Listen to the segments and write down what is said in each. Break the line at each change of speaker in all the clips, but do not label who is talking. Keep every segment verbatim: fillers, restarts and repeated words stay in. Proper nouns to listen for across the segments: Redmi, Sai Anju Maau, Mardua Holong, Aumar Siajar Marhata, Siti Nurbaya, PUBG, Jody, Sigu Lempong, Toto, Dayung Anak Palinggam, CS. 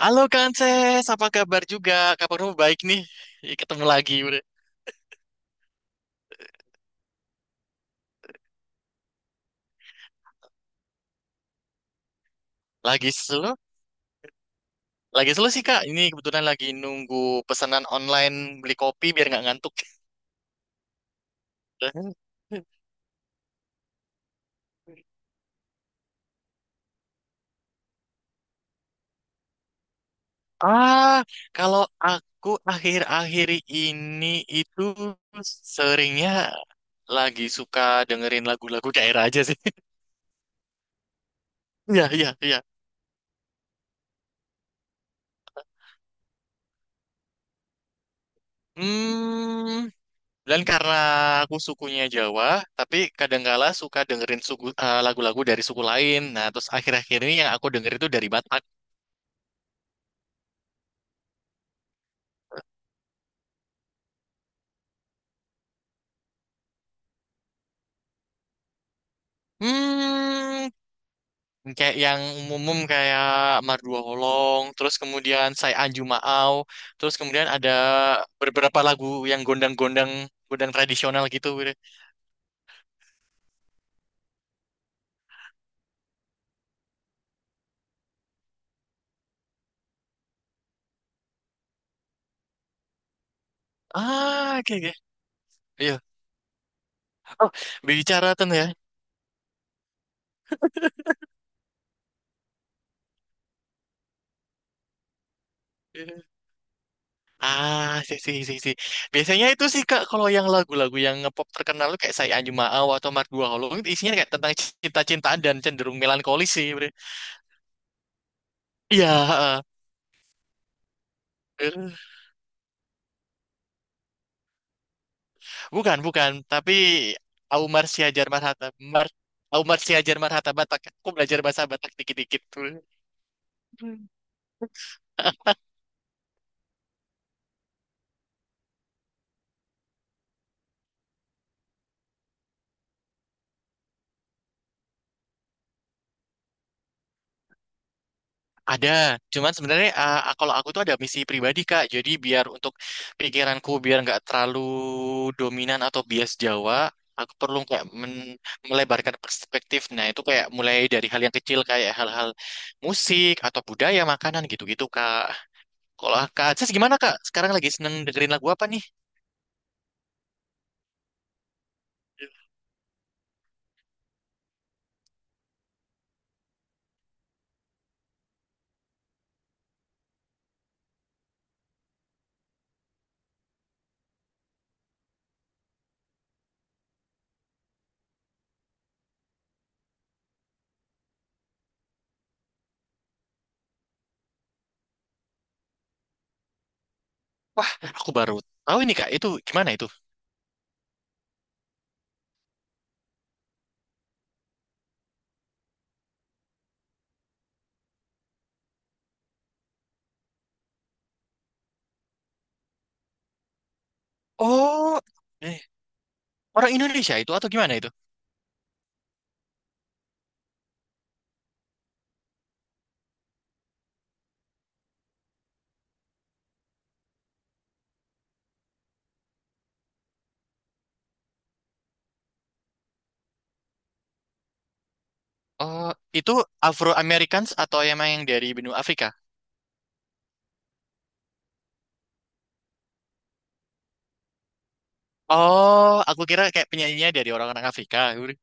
Halo Kanses, apa kabar juga? Kabarmu baik nih. Ih, ketemu lagi udah. Lagi slow? Lagi slow sih Kak. Ini kebetulan lagi nunggu pesanan online beli kopi biar nggak ngantuk. Ah, kalau aku akhir-akhir ini itu seringnya lagi suka dengerin lagu-lagu daerah aja sih. Iya, iya, iya. Hmm. Dan karena aku sukunya Jawa, tapi kadangkala suka dengerin suku- eh, lagu-lagu dari suku lain. Nah, terus akhir-akhir ini yang aku denger itu dari Batak. Hmm, Kayak yang umum kayak Mardua Holong, terus kemudian Sai Anju Maau, terus kemudian ada beberapa lagu yang gondang-gondang, gondang tradisional gitu. gitu. Ah, oke, oke. Iya. Oh, bicara ten ya. Ah, sih, sih, sih, sih. Biasanya itu sih, Kak, kalau yang lagu-lagu yang ngepop terkenal lu kayak Say Anju Maau atau Mark Dua Hollow, itu isinya kayak tentang cinta-cintaan dan cenderung melankolis sih. Bre. Iya, heeh. Eh, bukan, bukan. Tapi Aumar Siajar Marhata, Mar, Aumar Siajar Marhata Batak. Aku belajar bahasa Batak dikit-dikit. Ada, cuman sebenarnya uh, kalau aku tuh ada misi pribadi Kak. Jadi biar untuk pikiranku biar nggak terlalu dominan atau bias Jawa, aku perlu kayak men- melebarkan perspektif. Nah itu kayak mulai dari hal yang kecil kayak hal-hal musik atau budaya, makanan gitu-gitu Kak. Kalau Kak Aziz gimana Kak? Sekarang lagi seneng dengerin lagu apa nih? Wah, aku baru tahu ini Kak. Itu gimana itu? Oh, eh, orang Indonesia itu atau gimana itu? Oh, itu Afro Americans atau emang yang dari benua Afrika? Oh, aku kira kayak penyanyinya dari orang-orang Afrika. Aku bilang,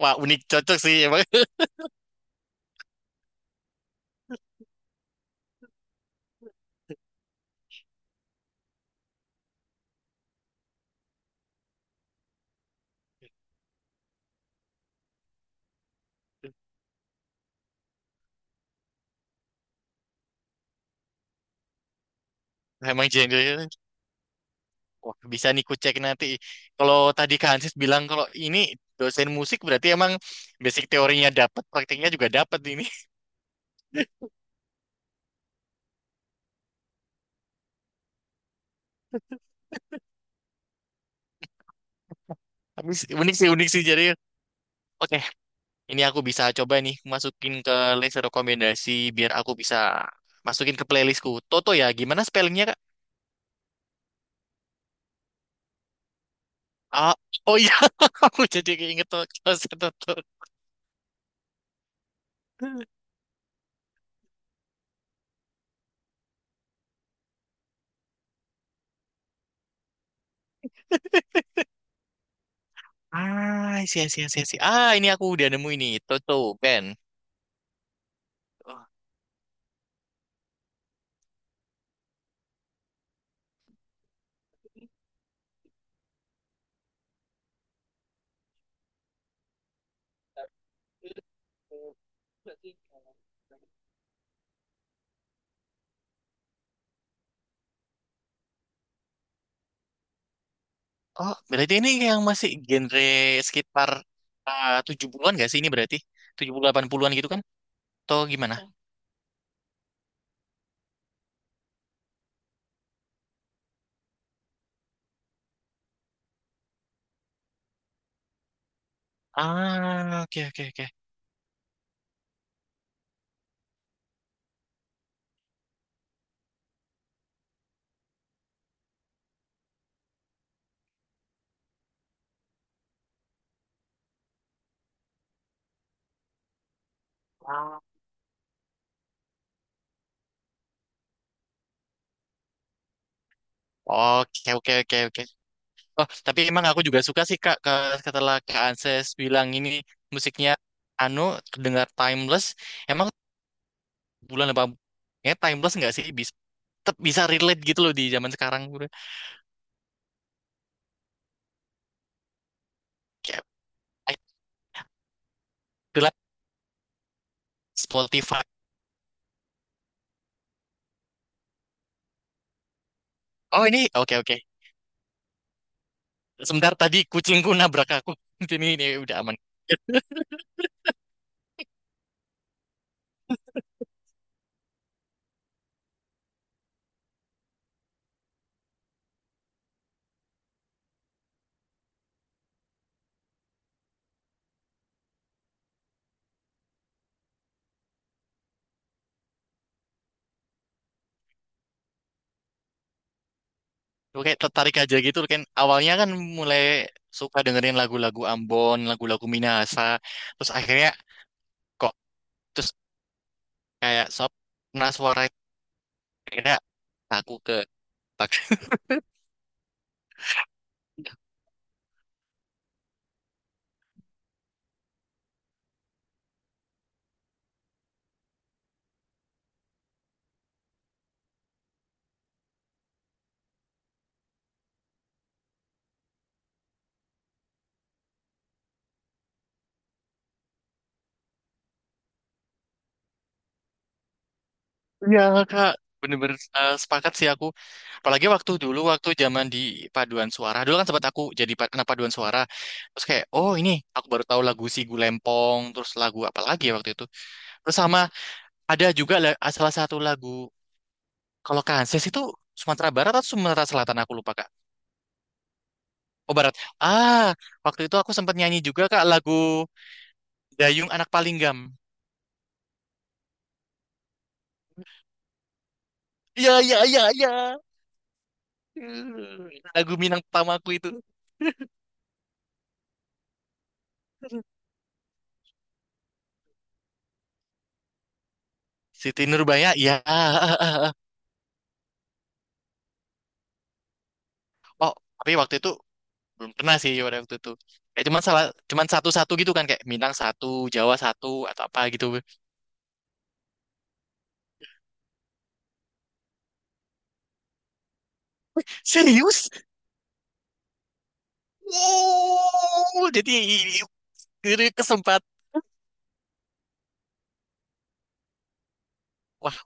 wah, unik cocok sih emang. Emang genre-nya. Wah, bisa nih ku cek nanti. Kalau tadi Kak Hansis bilang kalau ini dosen musik berarti emang basic teorinya dapat, praktiknya juga dapat ini. Tapi s- unik sih, unik sih jadi. Oke, ini aku bisa coba nih masukin ke list rekomendasi biar aku bisa masukin ke playlistku. Toto ya, gimana spellingnya Kak? Ah, oh iya, aku jadi keinget Toto. Toto. Ah, sih, sih, sih, sih. Ah, ini aku udah nemu ini. Toto tuh, Ben. Oh, berarti ini yang masih genre sekitar ah, tujuh puluhan-an gak sih ini berarti? Tujuh puluh delapan, 80 an gitu kan? Atau gimana? Iya. Ah, oke, oke, oke. Ah. Oke, oke, oke, oke. Oh, tapi emang aku juga suka sih, Kak, ke- setelah Kak Anses bilang ini musiknya anu, kedengar timeless. Emang bulan delapan puluh ya timeless nggak sih? Tetap bisa relate gitu loh di zaman sekarang bro. Kayak itulah Spotify. Oh ini oke oke. Sebentar tadi kucingku nabrak aku. Ini ini udah aman. Lu kayak tertarik aja gitu kan. Awalnya kan mulai suka dengerin lagu-lagu Ambon, lagu-lagu Minahasa. Terus akhirnya kok terus kayak sob nah suara itu akhirnya aku ke. Iya kak, bener-bener eh, sepakat sih aku. Apalagi waktu dulu, waktu zaman di paduan suara. Dulu kan sempat aku jadi pa- anak paduan suara. Terus kayak, oh ini aku baru tahu lagu Sigu Lempong, terus lagu apa lagi ya waktu itu. Terus sama ada juga la- ah, salah satu lagu, kalau Kanses itu Sumatera Barat atau Sumatera Selatan aku lupa kak. Oh Barat. Ah, Waktu itu aku sempat nyanyi juga kak lagu Dayung Anak Palinggam. Iya, iya, iya, iya. Eh, lagu Minang pertamaku itu. Siti Nurbaya, ya. Oh, tapi waktu itu belum pernah sih pada waktu itu. Kayak cuman salah, cuman satu-satu gitu kan kayak Minang satu, Jawa satu atau apa gitu. Serius? Wow, jadi ini kesempatan. Wah,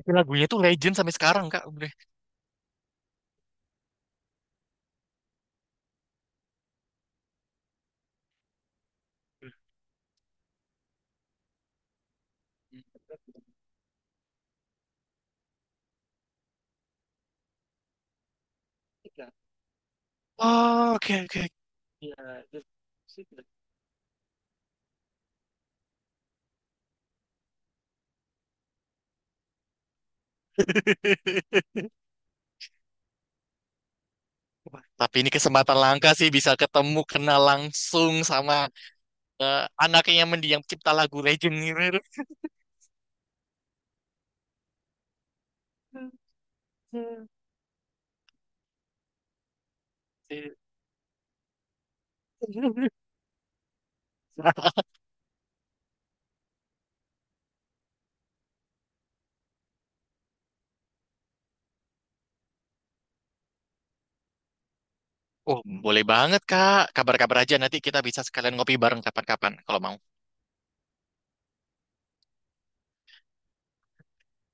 itu lagunya tuh legend sampai sekarang Kak. Udah. Oh, oke oke. Iya, terus- Tapi ini kesempatan langka sih bisa ketemu kenal langsung sama eh, anaknya yang mendiang pencipta lagu legend gitu. Oh, boleh banget, Kak. Kabar-kabar aja nanti kita bisa sekalian ngopi bareng kapan-kapan kalau mau.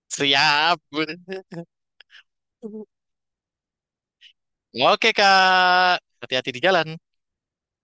Siap. Oke, Kak. Hati-hati di jalan.